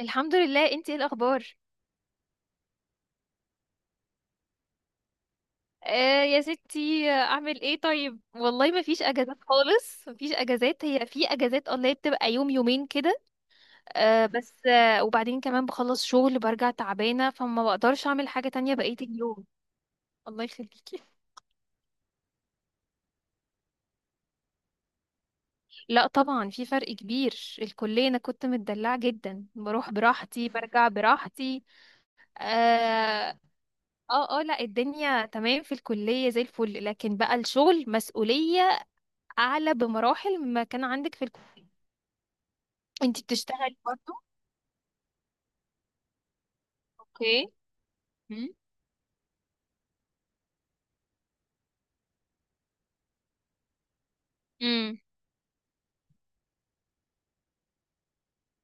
الحمد لله، انتي ايه الاخبار؟ آه يا ستي، اعمل ايه؟ طيب والله ما فيش اجازات خالص، ما فيش اجازات. هي في اجازات اونلاين، بتبقى يوم يومين كده. آه، بس وبعدين كمان بخلص شغل برجع تعبانه، فما بقدرش اعمل حاجه تانية بقيه اليوم. الله يخليكي. لا طبعا، في فرق كبير. الكليه انا كنت متدلعه جدا، بروح براحتي برجع براحتي. اه. اه. لا، الدنيا تمام في الكليه زي الفل، لكن بقى الشغل مسؤوليه اعلى بمراحل مما كان عندك في الكليه. انت بتشتغلي برضو؟ اوكي. امم. امم.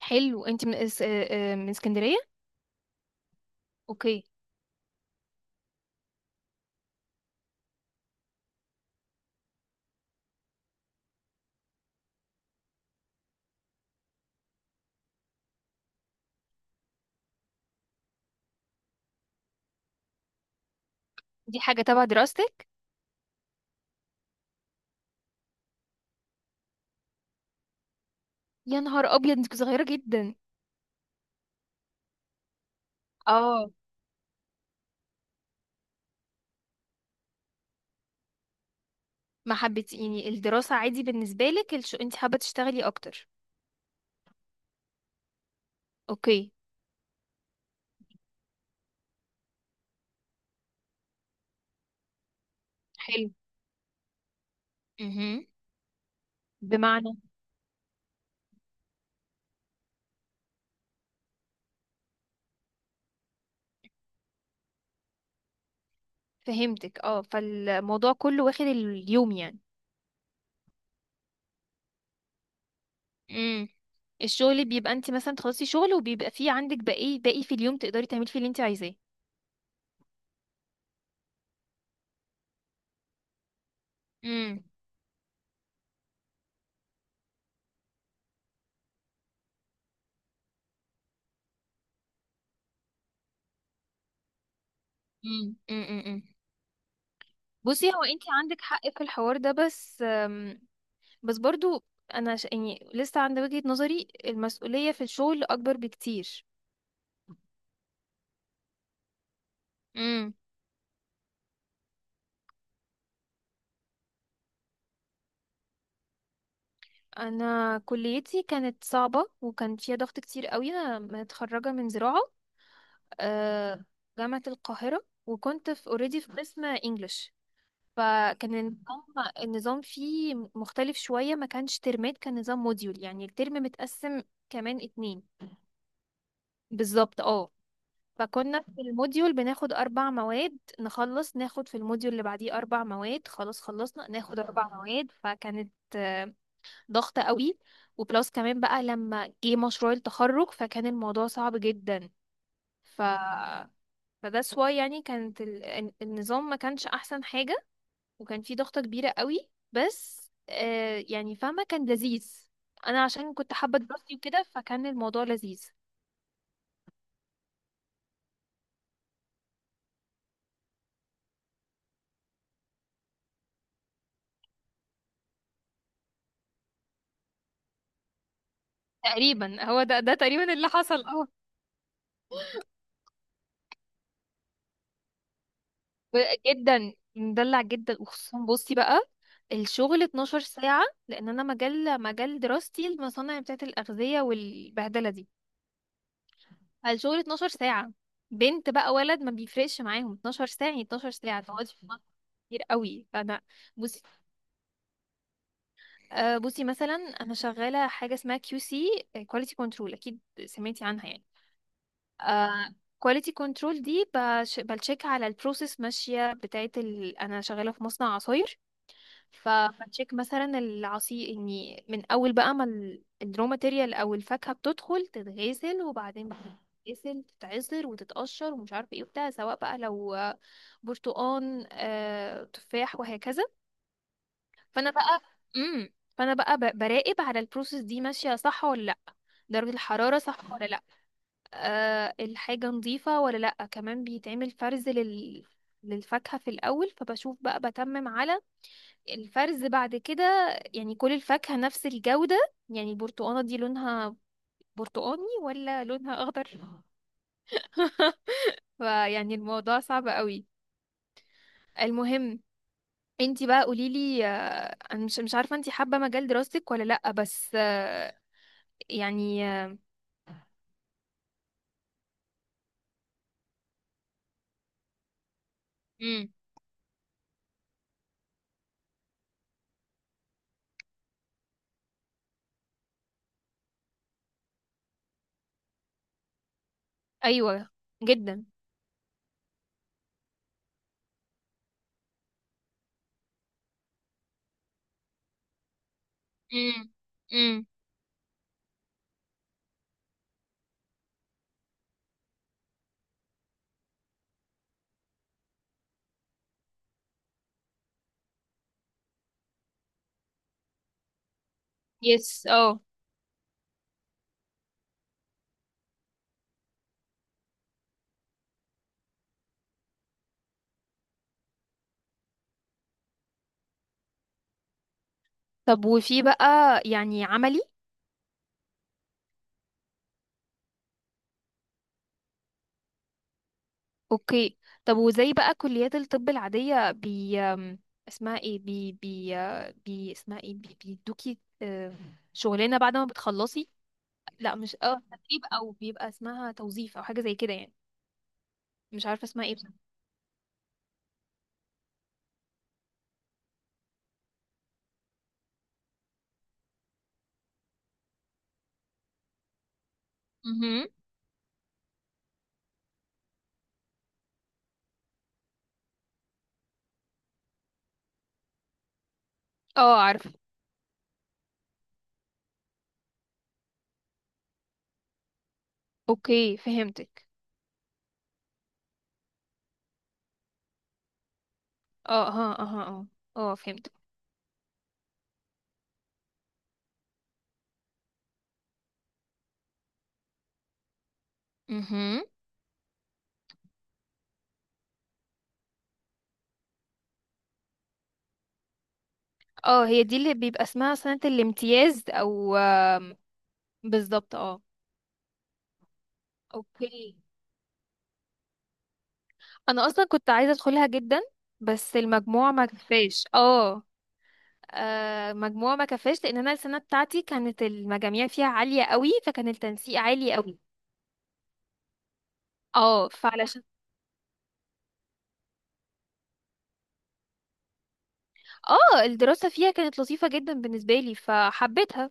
حلو، انت من اس... آه، آه، من اسكندريه. اوكي. دي حاجه تبع دراستك؟ يا نهار ابيض، انت صغيره جدا. اه. ما حبيتي يعني الدراسه؟ عادي بالنسبه لك انت حابه تشتغلي اكتر؟ اوكي. حلو. امم. بمعنى؟ فهمتك، اه، فالموضوع كله واخد اليوم يعني. امم. الشغل بيبقى انت مثلا تخلصي شغل وبيبقى فيه عندك باقي في اليوم تقدري تعملي فيه اللي انت عايزاه. مم. مم. مم. مم. مم. بصي، هو انت عندك حق في الحوار ده، بس بس برضو يعني لسه عند وجهة نظري المسؤولية في الشغل اكبر بكتير. امم. انا كليتي كانت صعبة وكان فيها ضغط كتير قوي، انا متخرجة من زراعة، آه، جامعة القاهرة، وكنت في اوريدي في قسم انجلش. فكان النظام فيه مختلف شوية، ما كانش ترمات، كان نظام موديول، يعني الترم متقسم كمان اتنين. بالظبط، اه. فكنا في الموديول بناخد أربع مواد، نخلص ناخد في الموديول اللي بعديه أربع مواد، خلاص خلصنا ناخد أربع مواد، فكانت ضغطة قوي. وبلس كمان بقى لما جه مشروع التخرج، فكان الموضوع صعب جدا. ف فده سوا، يعني كانت النظام ما كانش أحسن حاجة، وكان فيه ضغطة كبيرة قوي، بس يعني فاهمة، كان لذيذ. أنا عشان كنت حابة دراستي وكده، فكان الموضوع لذيذ. تقريبا هو ده تقريبا اللي حصل. جدا، مدلع جدا. وخصوصا بصي بقى، الشغل 12 ساعة، لأن أنا مجال دراستي المصانع بتاعة الأغذية والبهدلة دي. فالشغل 12 ساعة، بنت بقى ولد ما بيفرقش معاهم، 12 ساعة، يعني 12 ساعة تقعدي في المطبخ. كتير قوي، فأنا، بصي، بصي مثلا، أنا شغالة حاجة اسمها كيو سي، كواليتي كنترول، أكيد سمعتي عنها يعني. آه، كواليتي كنترول دي بتشيك على البروسيس ماشية بتاعة أنا شغالة في مصنع عصاير، فبتشيك مثلا العصير، اني من اول بقى ما الرو ماتيريال او الفاكهه بتدخل تتغسل، وبعدين بتتغسل تتعصر وتتقشر ومش عارفه ايه وبتاع، سواء بقى لو برتقان تفاح وهكذا. فانا بقى، فانا بقى براقب على البروسيس دي ماشيه صح ولا لا، درجه الحراره صح ولا لا، أه، الحاجه نظيفه ولا لا. كمان بيتعمل فرز للفاكهه في الاول، فبشوف بقى بتمم على الفرز، بعد كده يعني كل الفاكهة نفس الجودة، يعني البرتقانة دي لونها برتقاني ولا لونها أخضر. فيعني الموضوع صعب قوي. المهم، انتي بقى قوليلي، انا مش عارفة انتي حابة مجال دراستك ولا لأ، بس يعني امم. ايوه، جدا. امم. امم. يس، اه. طب وفي بقى يعني عملي؟ اوكي. طب وزي بقى كليات الطب العادية بي أم، اسمها ايه، بي بي آه، بي اسمها ايه بي بيدوكي، شغلانة بعد ما بتخلصي؟ لا مش، اه، تدريب، او بيبقى اسمها توظيف، او حاجة زي كده يعني. مش عارفة اسمها ايه بصراحة. مهم. اه، عارفة. اوكي، فهمتك. اه. ها. اه. اه. اه، فهمت. مهم. اه، هي دي اللي بيبقى اسمها سنة الامتياز او آم، بالظبط، اه. اوكي. انا اصلا كنت عايزه ادخلها جدا، بس المجموع ما كفاش، اه. مجموع ما كفاش، لان انا السنه بتاعتي كانت المجاميع فيها عاليه قوي، فكان التنسيق عالي قوي. اه، فعلشان، اه، الدراسه فيها كانت لطيفه جدا بالنسبه لي فحبيتها.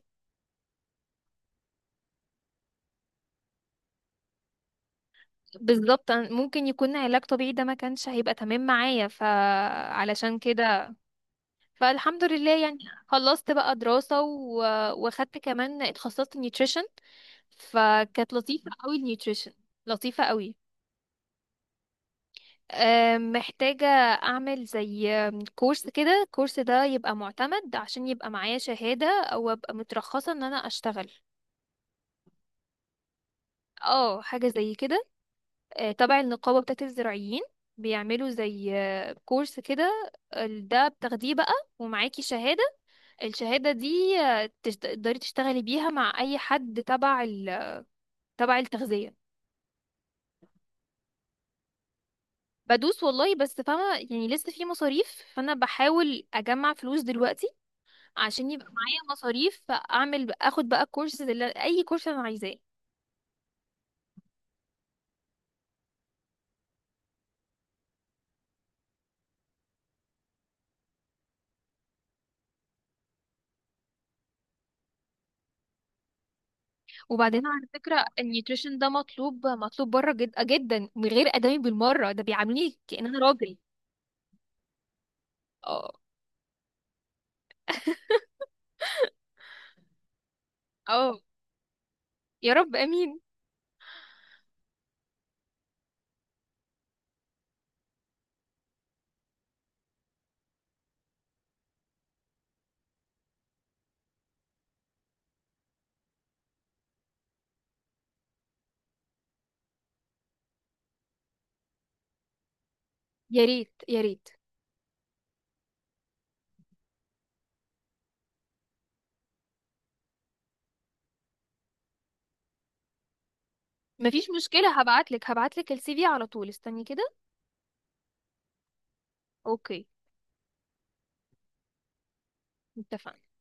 بالظبط، أنا ممكن يكون علاج طبيعي ده ما كانش هيبقى تمام معايا، فعلشان كده فالحمد لله يعني. خلصت بقى دراسه. وخدت كمان، اتخصصت نيوتريشن، فكانت لطيفه قوي النيوتريشن، لطيفه قوي. محتاجة أعمل زي كورس كده، الكورس ده يبقى معتمد عشان يبقى معايا شهادة أو أبقى مترخصة إن أنا أشتغل. اه، حاجة زي كده، تبع النقابة بتاعت الزراعيين، بيعملوا زي كورس كده، ده بتاخديه بقى ومعاكي شهادة. الشهادة دي، تقدري تشتغلي بيها مع أي حد تبع التغذية. بدوس والله، بس فاهمة يعني لسه في مصاريف، فأنا بحاول أجمع فلوس دلوقتي عشان يبقى معايا مصاريف، اعمل اخد بقى كورس، اللي اي كورس انا عايزاه. وبعدين على فكره النيوتريشن ده مطلوب، مطلوب بره جدا جدا، من غير ادمي بالمره، ده بيعاملوني كأن انا راجل. اه. اه. يا رب، امين. يا ريت، يا ريت. مفيش مشكله، هبعتلك السي في على طول، استني كده. اوكي. اتفقنا.